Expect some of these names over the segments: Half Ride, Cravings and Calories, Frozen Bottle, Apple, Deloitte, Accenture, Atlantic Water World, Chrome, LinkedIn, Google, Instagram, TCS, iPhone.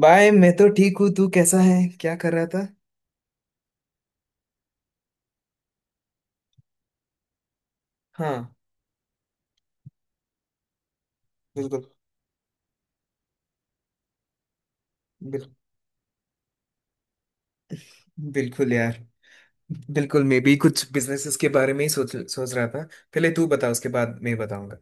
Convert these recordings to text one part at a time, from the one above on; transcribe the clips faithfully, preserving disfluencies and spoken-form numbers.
Bye, मैं तो ठीक हूँ। तू कैसा है? क्या कर रहा था? हाँ। बिल्कुल। बिल, बिल्कुल यार। बिल्कुल, मैं भी कुछ बिजनेसेस के बारे में ही सोच सोच रहा था। पहले तू बता, उसके बाद मैं बताऊंगा।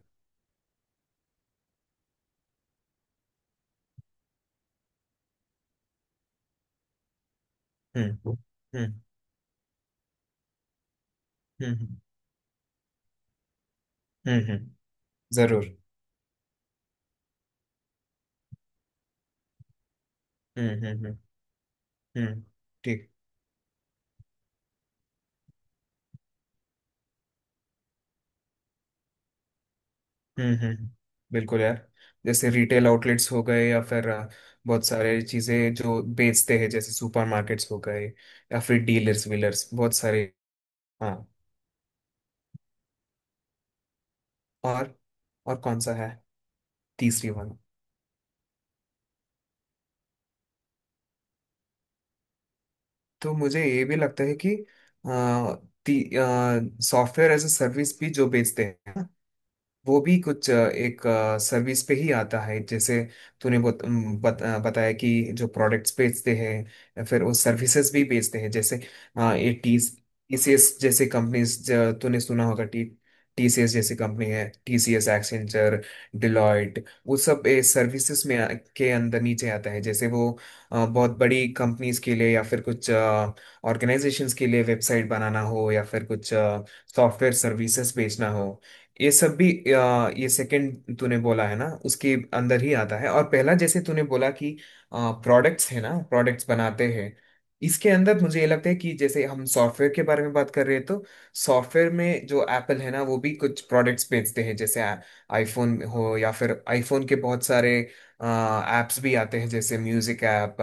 हम्म, हम्म, हम्म, हम्म। हम्म, हम्म। जरूर। हम्म, हम्म, हम्म, हम्म। ठीक। हम्म, हम्म, हम्म। बिल्कुल यार। जैसे रिटेल आउटलेट्स हो गए, या फिर अ, बहुत सारे चीजें जो बेचते हैं, जैसे सुपरमार्केट्स हो गए, या फिर डीलर्स वीलर्स बहुत सारे। हाँ। और? और कौन सा है? तीसरी वाला। तो मुझे ये भी लगता है कि सॉफ्टवेयर एज ए सर्विस भी जो बेचते हैं, वो भी कुछ अ, एक अ, सर्विस पे ही आता है। जैसे तूने बत, अम, बत, अ, बताया कि जो प्रोडक्ट्स बेचते हैं, फिर वो सर्विसेज भी बेचते हैं। जैसे अ, ये टीस टीसीएस जैसे कंपनीज। तूने सुना होगा। टी टीसीएस जैसी कंपनी है, टीसीएस, एक्सेंचर, डिलॉयट, वो सब सर्विसेज में आ- के अंदर, नीचे आता है। जैसे वो अ, बहुत बड़ी कंपनीज के लिए, या फिर कुछ ऑर्गेनाइजेशंस के लिए वेबसाइट बनाना हो, या फिर कुछ सॉफ्टवेयर सर्विसेज बेचना हो, ये सब भी अ, ये सेकंड तूने बोला है ना, उसके अंदर ही आता है। और पहला, जैसे तूने बोला कि प्रोडक्ट्स है ना, प्रोडक्ट्स बनाते हैं। इसके अंदर मुझे ये लगता है कि जैसे हम सॉफ्टवेयर के बारे में बात कर रहे हैं, तो सॉफ्टवेयर में जो एप्पल है ना, वो भी कुछ प्रोडक्ट्स बेचते हैं, जैसे आईफोन हो, या फिर आईफोन के बहुत सारे ऐप्स भी आते हैं, जैसे म्यूजिक ऐप,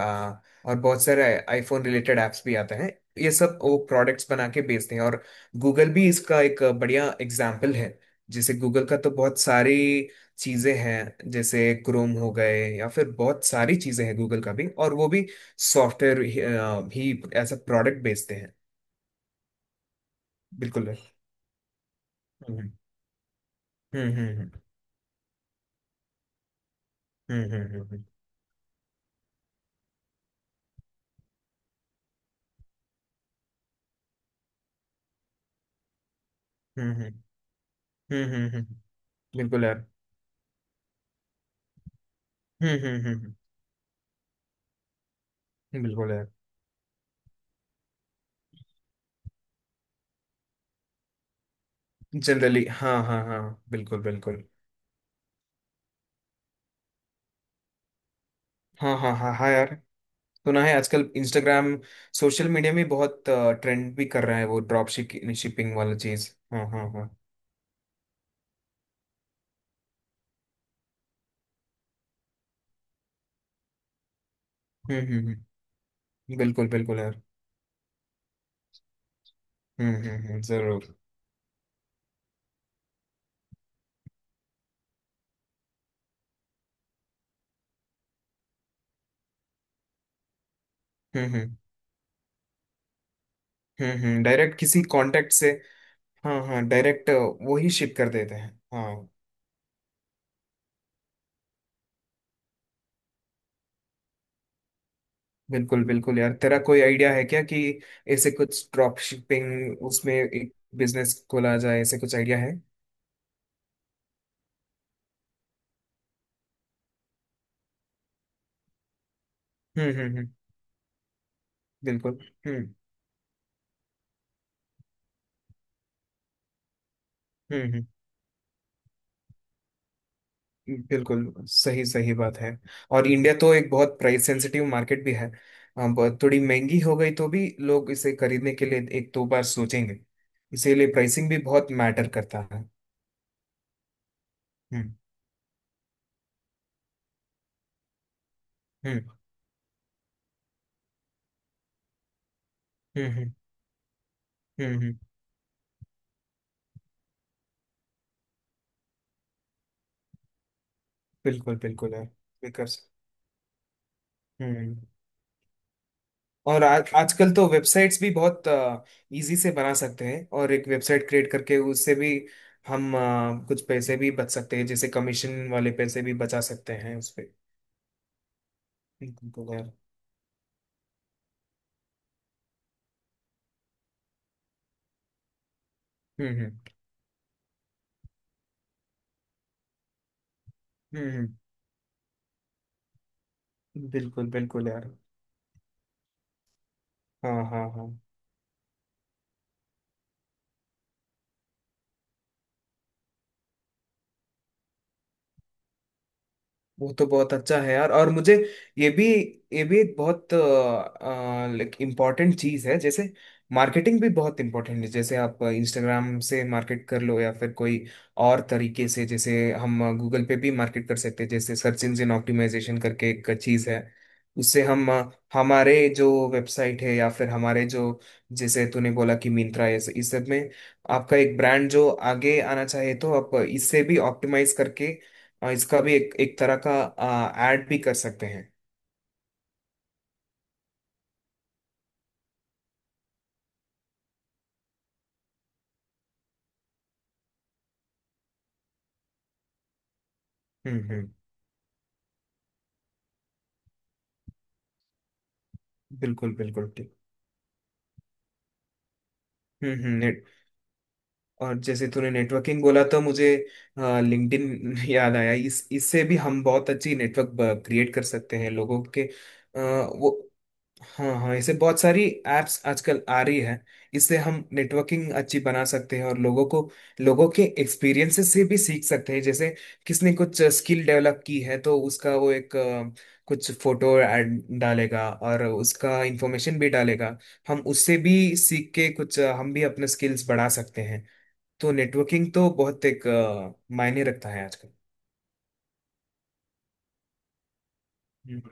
और बहुत सारे आईफोन रिलेटेड ऐप्स भी आते हैं। ये सब वो प्रोडक्ट्स बना के बेचते हैं। और गूगल भी इसका एक बढ़िया एग्जाम्पल है। जैसे गूगल का तो बहुत सारी चीजें हैं, जैसे क्रोम हो गए, या फिर बहुत सारी चीजें हैं गूगल का भी, और वो भी सॉफ्टवेयर ही अ, भी एज अ प्रोडक्ट बेचते हैं। बिल्कुल यार। हम्म, हम्म, हम्म, हम्म, हम्म, हम्म, हम्म, हम्म, हम्म, हम्म, हम्म, हम्म, हम्म। बिल्कुल यार। हम्म, हम्म, हम्म, हम्म। बिल्कुल यार। जनरली, हाँ, हाँ, हाँ। बिल्कुल बिल्कुल। हाँ, हाँ, हाँ, हाँ यार। सुना है, आजकल इंस्टाग्राम, सोशल मीडिया में बहुत ट्रेंड भी कर रहा है वो ड्रॉप शिपिंग वाला चीज। हाँ, हाँ, हाँ। हम्म, हम्म, हम्म। बिल्कुल बिल्कुल यार। हम्म, हम्म, हम्म। जरूर। हम्म, हम्म, हम्म, हम्म। डायरेक्ट किसी कांटेक्ट से। हाँ, हाँ, डायरेक्ट वो ही शिप कर देते हैं। हाँ। बिल्कुल बिल्कुल यार। तेरा कोई आइडिया है क्या कि ऐसे कुछ ड्रॉप शिपिंग उसमें एक बिजनेस खोला जाए, ऐसे कुछ आइडिया है? हम्म, हम्म, हम्म। बिल्कुल। हम्म, हम्म, हम्म। बिल्कुल, सही सही बात है। और इंडिया तो एक बहुत प्राइस सेंसिटिव मार्केट भी है। अ, बहुत थोड़ी महंगी हो गई तो भी लोग इसे खरीदने के लिए एक दो बार सोचेंगे। इसीलिए प्राइसिंग भी बहुत मैटर करता है। हम्म, हम्म, हम्म, हम्म, हम्म, हम्म। बिल्कुल बिल्कुल है। बिकॉज। हम्म। और आज आजकल तो वेबसाइट्स भी बहुत इजी से बना सकते हैं, और एक वेबसाइट क्रिएट करके उससे भी हम अ, कुछ पैसे भी बच सकते हैं, जैसे कमीशन वाले पैसे भी बचा सकते हैं उस पे। बिल्कुल यार। हम्म, हम्म, हम्म। बिल्कुल बिल्कुल यार। हाँ, हाँ, हाँ, वो तो बहुत अच्छा है यार। और मुझे ये भी ये भी एक बहुत लाइक इम्पोर्टेंट चीज़ है, जैसे मार्केटिंग भी बहुत इम्पोर्टेंट है। जैसे आप इंस्टाग्राम से मार्केट कर लो, या फिर कोई और तरीके से, जैसे हम गूगल पे भी मार्केट कर सकते हैं। जैसे सर्च इंजन ऑप्टिमाइजेशन करके एक चीज़ है, उससे हम अ, हमारे जो वेबसाइट है, या फिर हमारे जो जैसे तूने बोला कि मिंत्रा है, इस सब में आपका एक ब्रांड जो आगे आना चाहिए, तो आप इससे भी ऑप्टिमाइज करके, और इसका भी एक एक तरह का ऐड भी कर सकते हैं। हम्म, हम्म। बिल्कुल बिल्कुल ठीक। हम्म, हम्म। नेट और जैसे तूने नेटवर्किंग बोला तो मुझे लिंक्डइन याद आया। इस इससे भी हम बहुत अच्छी नेटवर्क क्रिएट कर सकते हैं लोगों के। अ, वो हाँ, हाँ, ऐसे बहुत सारी एप्स आजकल आ रही है। इससे हम नेटवर्किंग अच्छी बना सकते हैं, और लोगों को लोगों के एक्सपीरियंसेस से भी सीख सकते हैं। जैसे किसने कुछ स्किल डेवलप की है, तो उसका वो एक अ, कुछ फोटो ऐड डालेगा, और उसका इंफॉर्मेशन भी डालेगा। हम उससे भी सीख के कुछ अ, हम भी अपने स्किल्स बढ़ा सकते हैं। तो नेटवर्किंग तो बहुत एक अ, मायने रखता है आजकल। हम्म,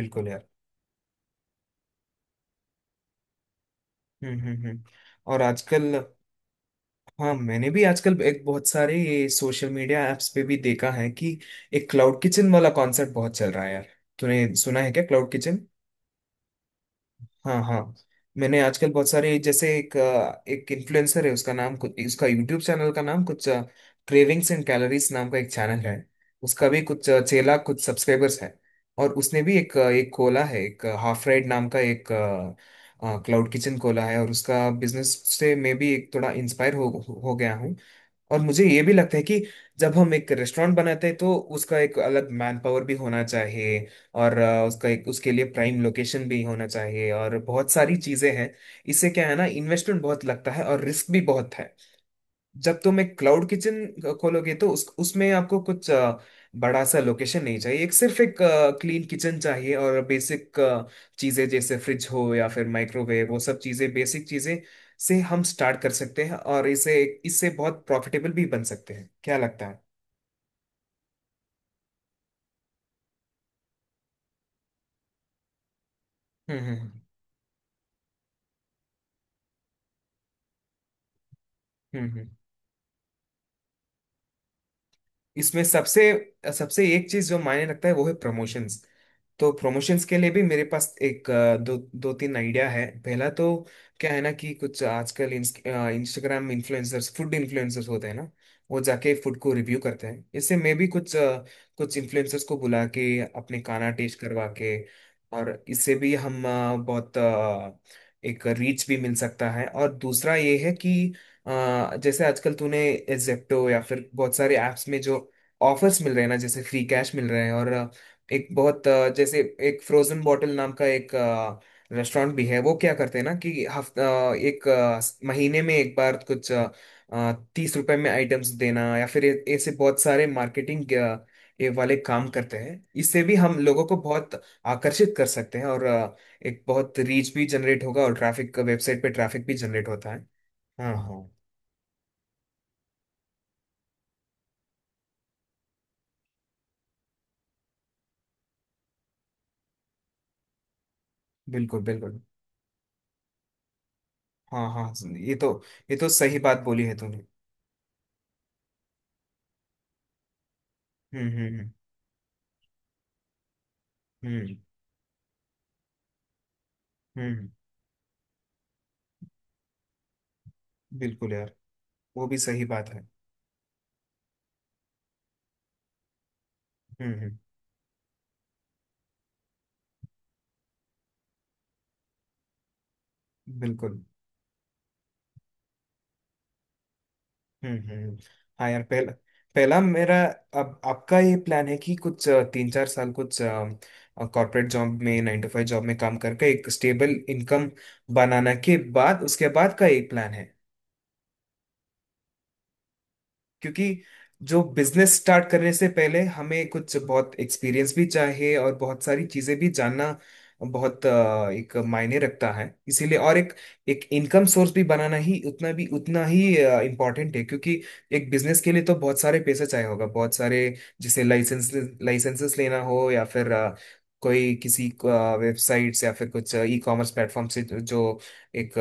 बिल्कुल यार। हम्म, हम्म, हम्म। और आजकल, हाँ, मैंने भी आजकल एक बहुत सारे ये सोशल मीडिया एप्स पे भी देखा है कि एक क्लाउड किचन वाला कॉन्सेप्ट बहुत चल रहा है यार। तूने सुना है क्या, क्लाउड किचन? हाँ, हाँ। मैंने आजकल बहुत सारे, जैसे एक अ, एक इन्फ्लुएंसर है, उसका नाम कुछ उसका यूट्यूब चैनल का नाम कुछ क्रेविंग्स एंड कैलोरीज नाम का एक चैनल है। उसका भी कुछ अ, छह लाख कुछ सब्सक्राइबर्स है। और उसने भी एक अ, एक खोला है, एक हाफ राइड नाम का एक क्लाउड किचन खोला है। और उसका बिजनेस से मैं भी एक थोड़ा इंस्पायर हो हो गया हूँ। और मुझे ये भी लगता है कि जब हम एक रेस्टोरेंट बनाते हैं तो उसका एक अलग मैन पावर भी होना चाहिए, और अ, उसका एक उसके लिए प्राइम लोकेशन भी होना चाहिए, और बहुत सारी चीजें हैं। इससे क्या है ना, इन्वेस्टमेंट बहुत लगता है, और रिस्क भी बहुत है। जब तुम एक क्लाउड किचन खोलोगे, तो उस उसमें आपको कुछ अ, बड़ा सा लोकेशन नहीं चाहिए। एक, सिर्फ एक क्लीन किचन चाहिए, और बेसिक चीजें, जैसे फ्रिज हो या फिर माइक्रोवेव, वो सब चीजें, बेसिक चीजें से हम स्टार्ट कर सकते हैं, और इसे इससे बहुत प्रॉफिटेबल भी बन सकते हैं। क्या लगता है? हम्म, हम्म, हम्म, हम्म। इसमें सबसे सबसे एक चीज जो मायने रखता है, वो है प्रमोशंस। तो प्रमोशंस के लिए भी मेरे पास एक अ, दो दो तीन आइडिया है। पहला तो क्या है ना कि कुछ आजकल इंस्टाग्राम इन्फ्लुएंसर्स, फूड इन्फ्लुएंसर्स होते हैं ना, वो जाके फूड को रिव्यू करते हैं। इससे मैं भी कुछ अ, कुछ इन्फ्लुएंसर्स को बुला के अपने खाना टेस्ट करवा के, और इससे भी हम अ, बहुत अ, एक रीच भी मिल सकता है। और दूसरा ये है कि अ, जैसे आजकल तूने जेप्टो, या फिर बहुत सारे ऐप्स में जो ऑफर्स मिल रहे हैं ना, जैसे फ्री कैश मिल रहे हैं। और एक बहुत अ, जैसे एक फ्रोजन बॉटल नाम का एक रेस्टोरेंट भी है, वो क्या करते हैं ना कि हफ्ता एक अ, स- महीने में एक बार कुछ तीस रुपए में आइटम्स देना, या फिर ए- ऐसे बहुत सारे मार्केटिंग ये वाले काम करते हैं। इससे भी हम लोगों को बहुत आकर्षित कर सकते हैं, और अ, एक बहुत रीच भी जनरेट होगा, और ट्रैफिक, वेबसाइट पे ट्रैफिक भी जनरेट होता है। हाँ, हाँ। बिल्कुल बिल्कुल। हाँ, हाँ। ये तो ये तो सही बात बोली है तूने। हम्म, हम्म, हम्म, हम्म, हम्म। बिल्कुल यार। वो भी सही बात है। हम्म, हम्म। बिल्कुल। हम्म, हम्म। हाँ यार, पहला पहला मेरा। अब आपका ये प्लान है कि कुछ अ, तीन चार साल कुछ कॉर्पोरेट जॉब में, नाइन टू फाइव जॉब में काम करके एक स्टेबल इनकम बनाना के बाद उसके बाद का एक प्लान है? क्योंकि जो बिजनेस स्टार्ट करने से पहले हमें कुछ बहुत एक्सपीरियंस भी चाहिए, और बहुत सारी चीजें भी जानना बहुत अ, एक मायने रखता है, इसीलिए। और एक एक इनकम सोर्स भी बनाना ही उतना भी उतना ही इम्पोर्टेंट है। क्योंकि एक बिजनेस के लिए तो बहुत सारे पैसे चाहिए होगा, बहुत सारे। जैसे लाइसेंस लाइसेंसेस लेना हो, या फिर अ, कोई किसी वेबसाइट्स, या फिर कुछ ई कॉमर्स प्लेटफॉर्म से जो एक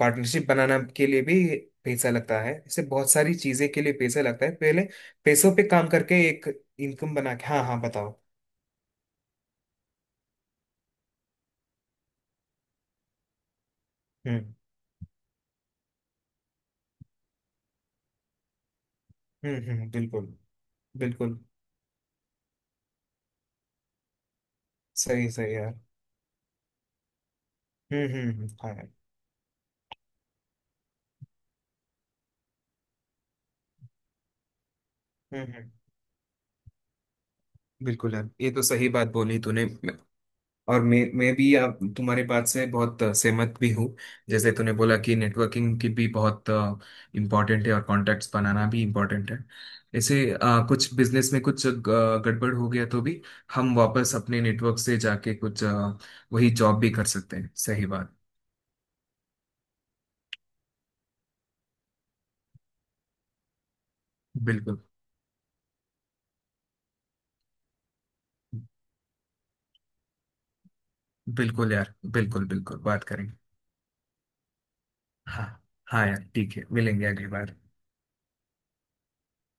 पार्टनरशिप बनाना के लिए भी पैसा लगता है। इससे बहुत सारी चीजें के लिए पैसा लगता है। पहले पैसों पे काम करके एक इनकम बना के। हाँ, हाँ, बताओ। हम्म, हम्म, हम्म। बिल्कुल बिल्कुल। सही सही यार। हम्म, हम्म, हम्म, हाँ यार। हम्म, हम्म। बिल्कुल यार, ये तो सही बात बोली तूने। और मैं मैं भी आप तुम्हारी बात से बहुत अ, सहमत भी हूँ। जैसे तूने बोला कि नेटवर्किंग की भी बहुत इम्पोर्टेंट है, और कॉन्टैक्ट्स बनाना भी इम्पोर्टेंट है। ऐसे अ, कुछ बिजनेस में कुछ ग- गड़बड़ हो गया तो भी हम वापस अपने नेटवर्क से जाके कुछ अ, वही जॉब भी कर सकते हैं। सही बात। बिल्कुल बिल्कुल यार, बिल्कुल बिल्कुल बात करेंगे। हाँ, हाँ यार ठीक है, मिलेंगे अगली बार।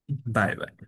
Bye bye.